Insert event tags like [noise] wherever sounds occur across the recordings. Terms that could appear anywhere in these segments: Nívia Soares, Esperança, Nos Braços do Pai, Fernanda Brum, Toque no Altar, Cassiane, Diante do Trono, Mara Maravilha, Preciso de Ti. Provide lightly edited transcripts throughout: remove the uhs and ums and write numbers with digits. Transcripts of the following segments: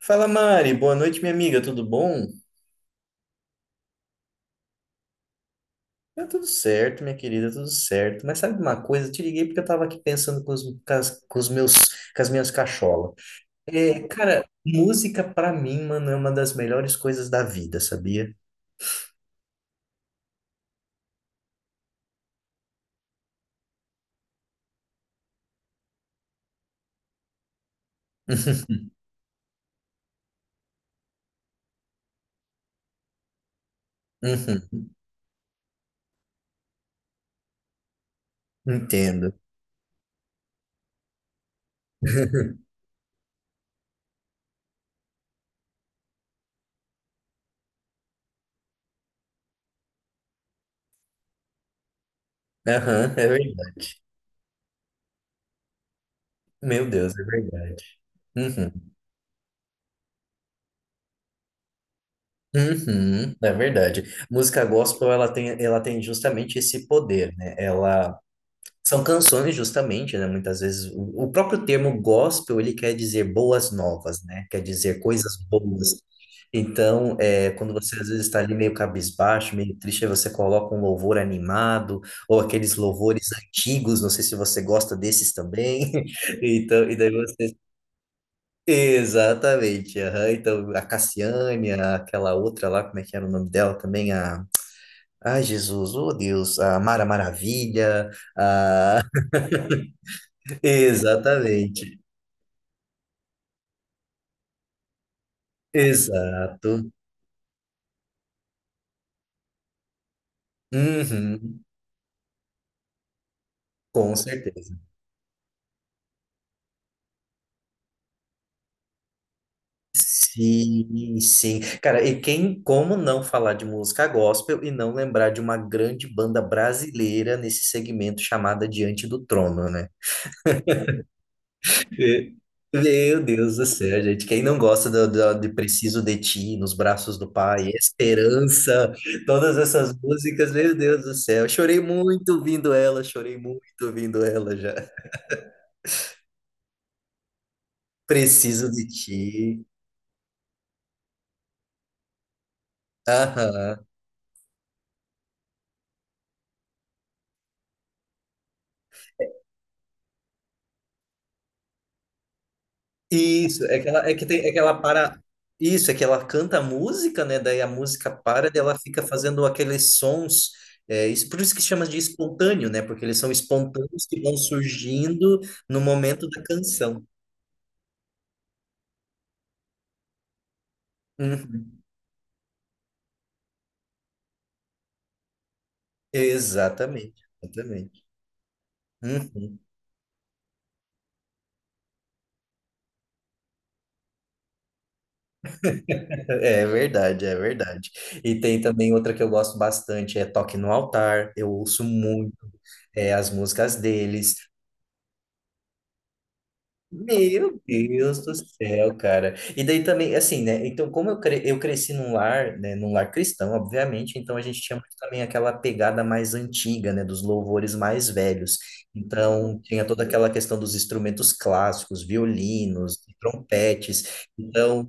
Fala Mari, boa noite minha amiga, tudo bom? Tá tudo certo, minha querida, tudo certo. Mas sabe uma coisa? Eu te liguei porque eu tava aqui pensando com os meus, com as minhas cacholas. É, cara, música pra mim, mano, é uma das melhores coisas da vida, sabia? [laughs] Uhum, entendo. [laughs] Aham, é verdade. Meu Deus, é verdade. Uhum, uhum, é verdade. Música gospel, ela tem justamente esse poder, né? Ela são canções justamente, né? Muitas vezes o próprio termo gospel ele quer dizer boas novas, né? Quer dizer coisas boas. Então, é, quando você às vezes está ali meio cabisbaixo, meio triste, aí você coloca um louvor animado ou aqueles louvores antigos. Não sei se você gosta desses também. [laughs] Então, e daí você exatamente. Aham. Então, a Cassiane, aquela outra lá, como é que era o nome dela também? A, ai, Jesus, oh Deus, a Mara Maravilha. A exatamente. Exato. Uhum. Com certeza. Sim, sim. Cara, e quem, como não falar de música gospel e não lembrar de uma grande banda brasileira nesse segmento chamada Diante do Trono, né? É. Meu Deus do céu, gente. Quem não gosta do, de Preciso de Ti, Nos Braços do Pai, Esperança, todas essas músicas, meu Deus do céu. Chorei muito ouvindo ela, chorei muito ouvindo ela já. Preciso de Ti. Aham. Isso, é que ela, é que tem, é que ela para. Isso, é que ela canta a música, né? Daí a música para e ela fica fazendo aqueles sons. É, isso, por isso que chama de espontâneo, né? Porque eles são espontâneos que vão surgindo no momento da canção. Uhum. Exatamente, exatamente. Uhum. É verdade, é verdade. E tem também outra que eu gosto bastante, é Toque no Altar. Eu ouço muito as músicas deles. Meu Deus do céu, cara. E daí também, assim, né? Então, como eu, cre eu cresci num lar, né? Num lar cristão, obviamente, então a gente tinha muito também aquela pegada mais antiga, né? Dos louvores mais velhos. Então, tinha toda aquela questão dos instrumentos clássicos, violinos, trompetes. Então,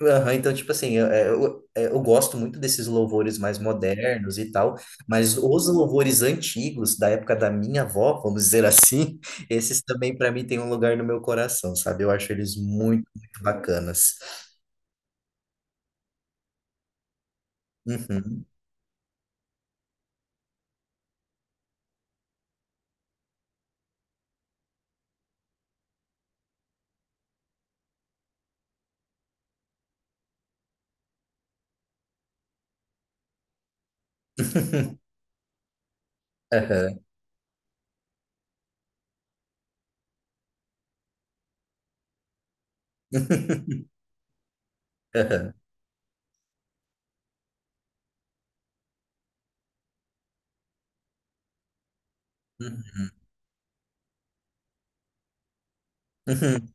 aham, então tipo assim, eu gosto muito desses louvores mais modernos e tal, mas os louvores antigos, da época da minha avó, vamos dizer assim. Esses também, para mim, têm um lugar no meu coração, sabe? Eu acho eles muito, muito bacanas. Uhum. [laughs] Aham. [laughs] Aham. Uhum. Uhum.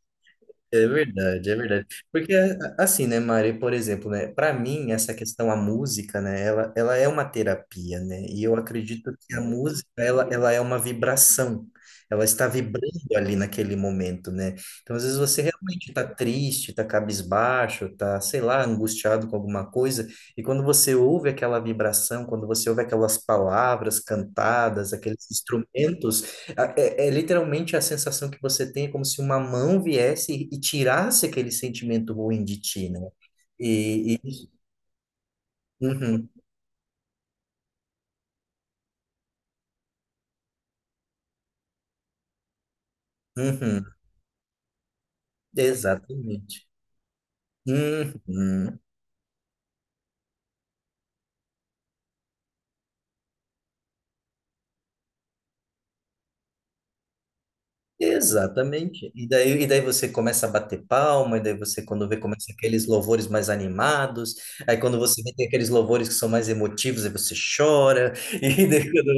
É verdade, é verdade. Porque, assim, né, Mari, por exemplo, né, para mim, essa questão, a música, né, ela é uma terapia, né, e eu acredito que a música, ela é uma vibração, ela está vibrando ali naquele momento, né, então às vezes você realmente está triste, está cabisbaixo, está, sei lá, angustiado com alguma coisa, e quando você ouve aquela vibração, quando você ouve aquelas palavras cantadas, aqueles instrumentos, é, é literalmente a sensação que você tem, é como se uma mão viesse e tirasse aquele sentimento ruim de ti, né? E- uhum, uhum, exatamente. Uhum. Exatamente. E daí você começa a bater palma, e daí você, quando vê, começa aqueles louvores mais animados, aí quando você vê, tem aqueles louvores que são mais emotivos, aí você chora, [laughs] e daí, quando...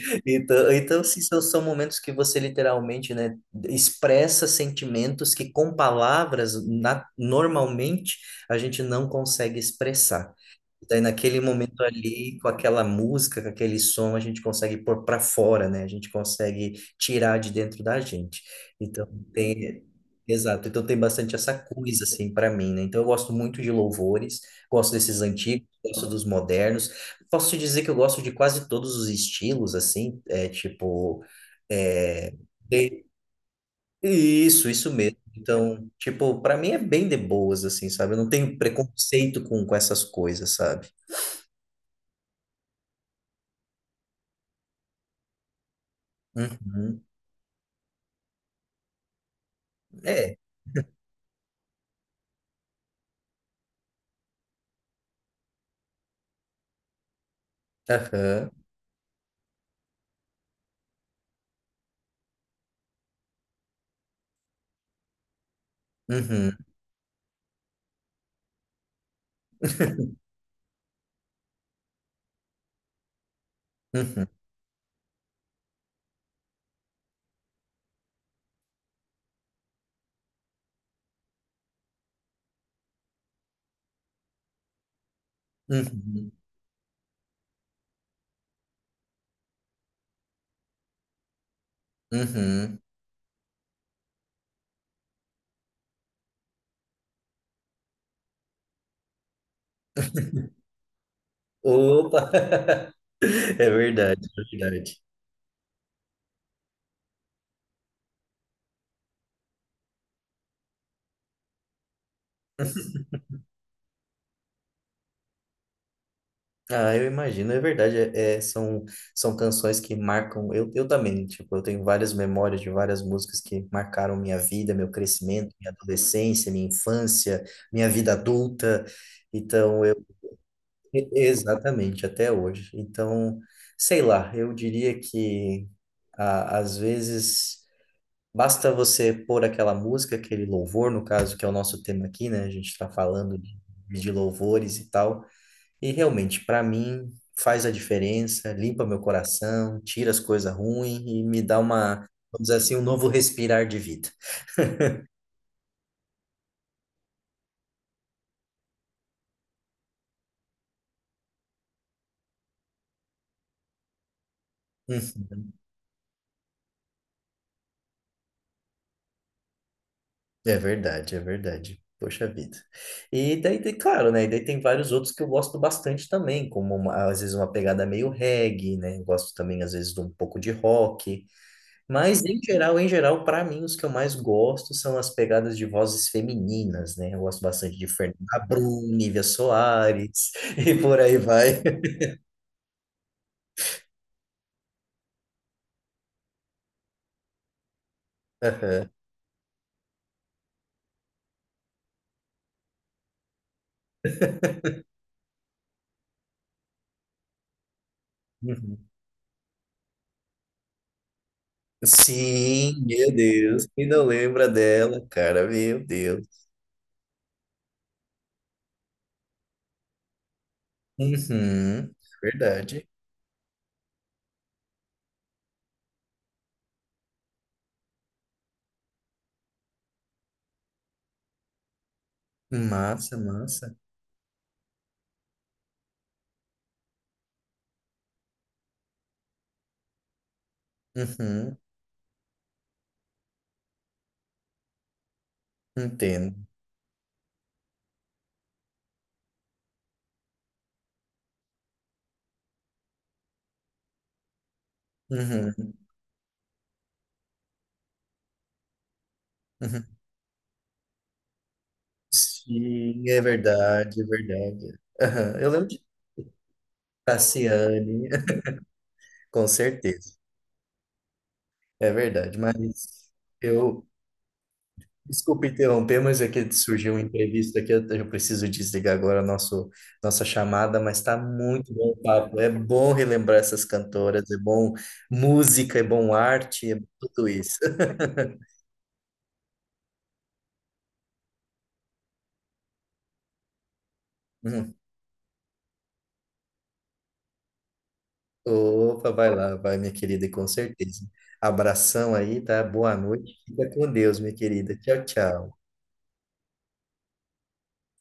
[laughs] então, assim, são momentos que você literalmente, né, expressa sentimentos que com palavras, normalmente, a gente não consegue expressar. Daí naquele momento ali, com aquela música, com aquele som, a gente consegue pôr para fora, né? A gente consegue tirar de dentro da gente. Então, tem, exato. Então, tem bastante essa coisa, assim, para mim, né? Então, eu gosto muito de louvores, gosto desses antigos, gosto dos modernos. Posso te dizer que eu gosto de quase todos os estilos, assim, é tipo. É, tem- isso mesmo. Então, tipo, para mim é bem de boas, assim, sabe? Eu não tenho preconceito com essas coisas, sabe? Uhum. É. Aham. Uhum. [laughs] Uhum. Uhum. Uhum. Opa! [laughs] É verdade, é verdade. Ah, eu imagino, é verdade. É, é- são, são canções que marcam. Eu também, tipo, eu tenho várias memórias de várias músicas que marcaram minha vida, meu crescimento, minha adolescência, minha infância, minha vida adulta. Então, eu. Exatamente, até hoje. Então, sei lá, eu diria que ah, às vezes. Basta você pôr aquela música, aquele louvor, no caso, que é o nosso tema aqui, né? A gente está falando de louvores e tal. E realmente, para mim, faz a diferença, limpa meu coração, tira as coisas ruins e me dá uma, vamos dizer assim, um novo respirar de vida. Uhum. É verdade, é verdade. Poxa vida. E daí, tem- claro, né? E daí tem vários outros que eu gosto bastante também, como uma- às vezes uma pegada meio reggae, né? Eu gosto também, às vezes, de um pouco de rock. Mas, em geral, para mim, os que eu mais gosto são as pegadas de vozes femininas, né? Eu gosto bastante de Fernanda Brum, Nívia Soares, [laughs] e por aí vai. [laughs] Aham. Uhum. Sim, meu Deus, quem não lembra dela, cara, meu Deus. Uhum, verdade. Massa, massa. Uhum, entendo. Uhum, uhum. Sim, é verdade, é verdade. Aham, eu lembro de Cassiane, [laughs] com certeza. É verdade, mas eu, desculpa interromper, mas é que surgiu um imprevisto aqui, eu preciso desligar agora nosso, nossa chamada, mas tá muito bom o papo. É bom relembrar essas cantoras, é bom música, é bom arte, é tudo isso. [laughs] Hum. Opa, vai lá, vai, minha querida, e com certeza. Abração aí, tá? Boa noite. Fica com Deus, minha querida. Tchau, tchau.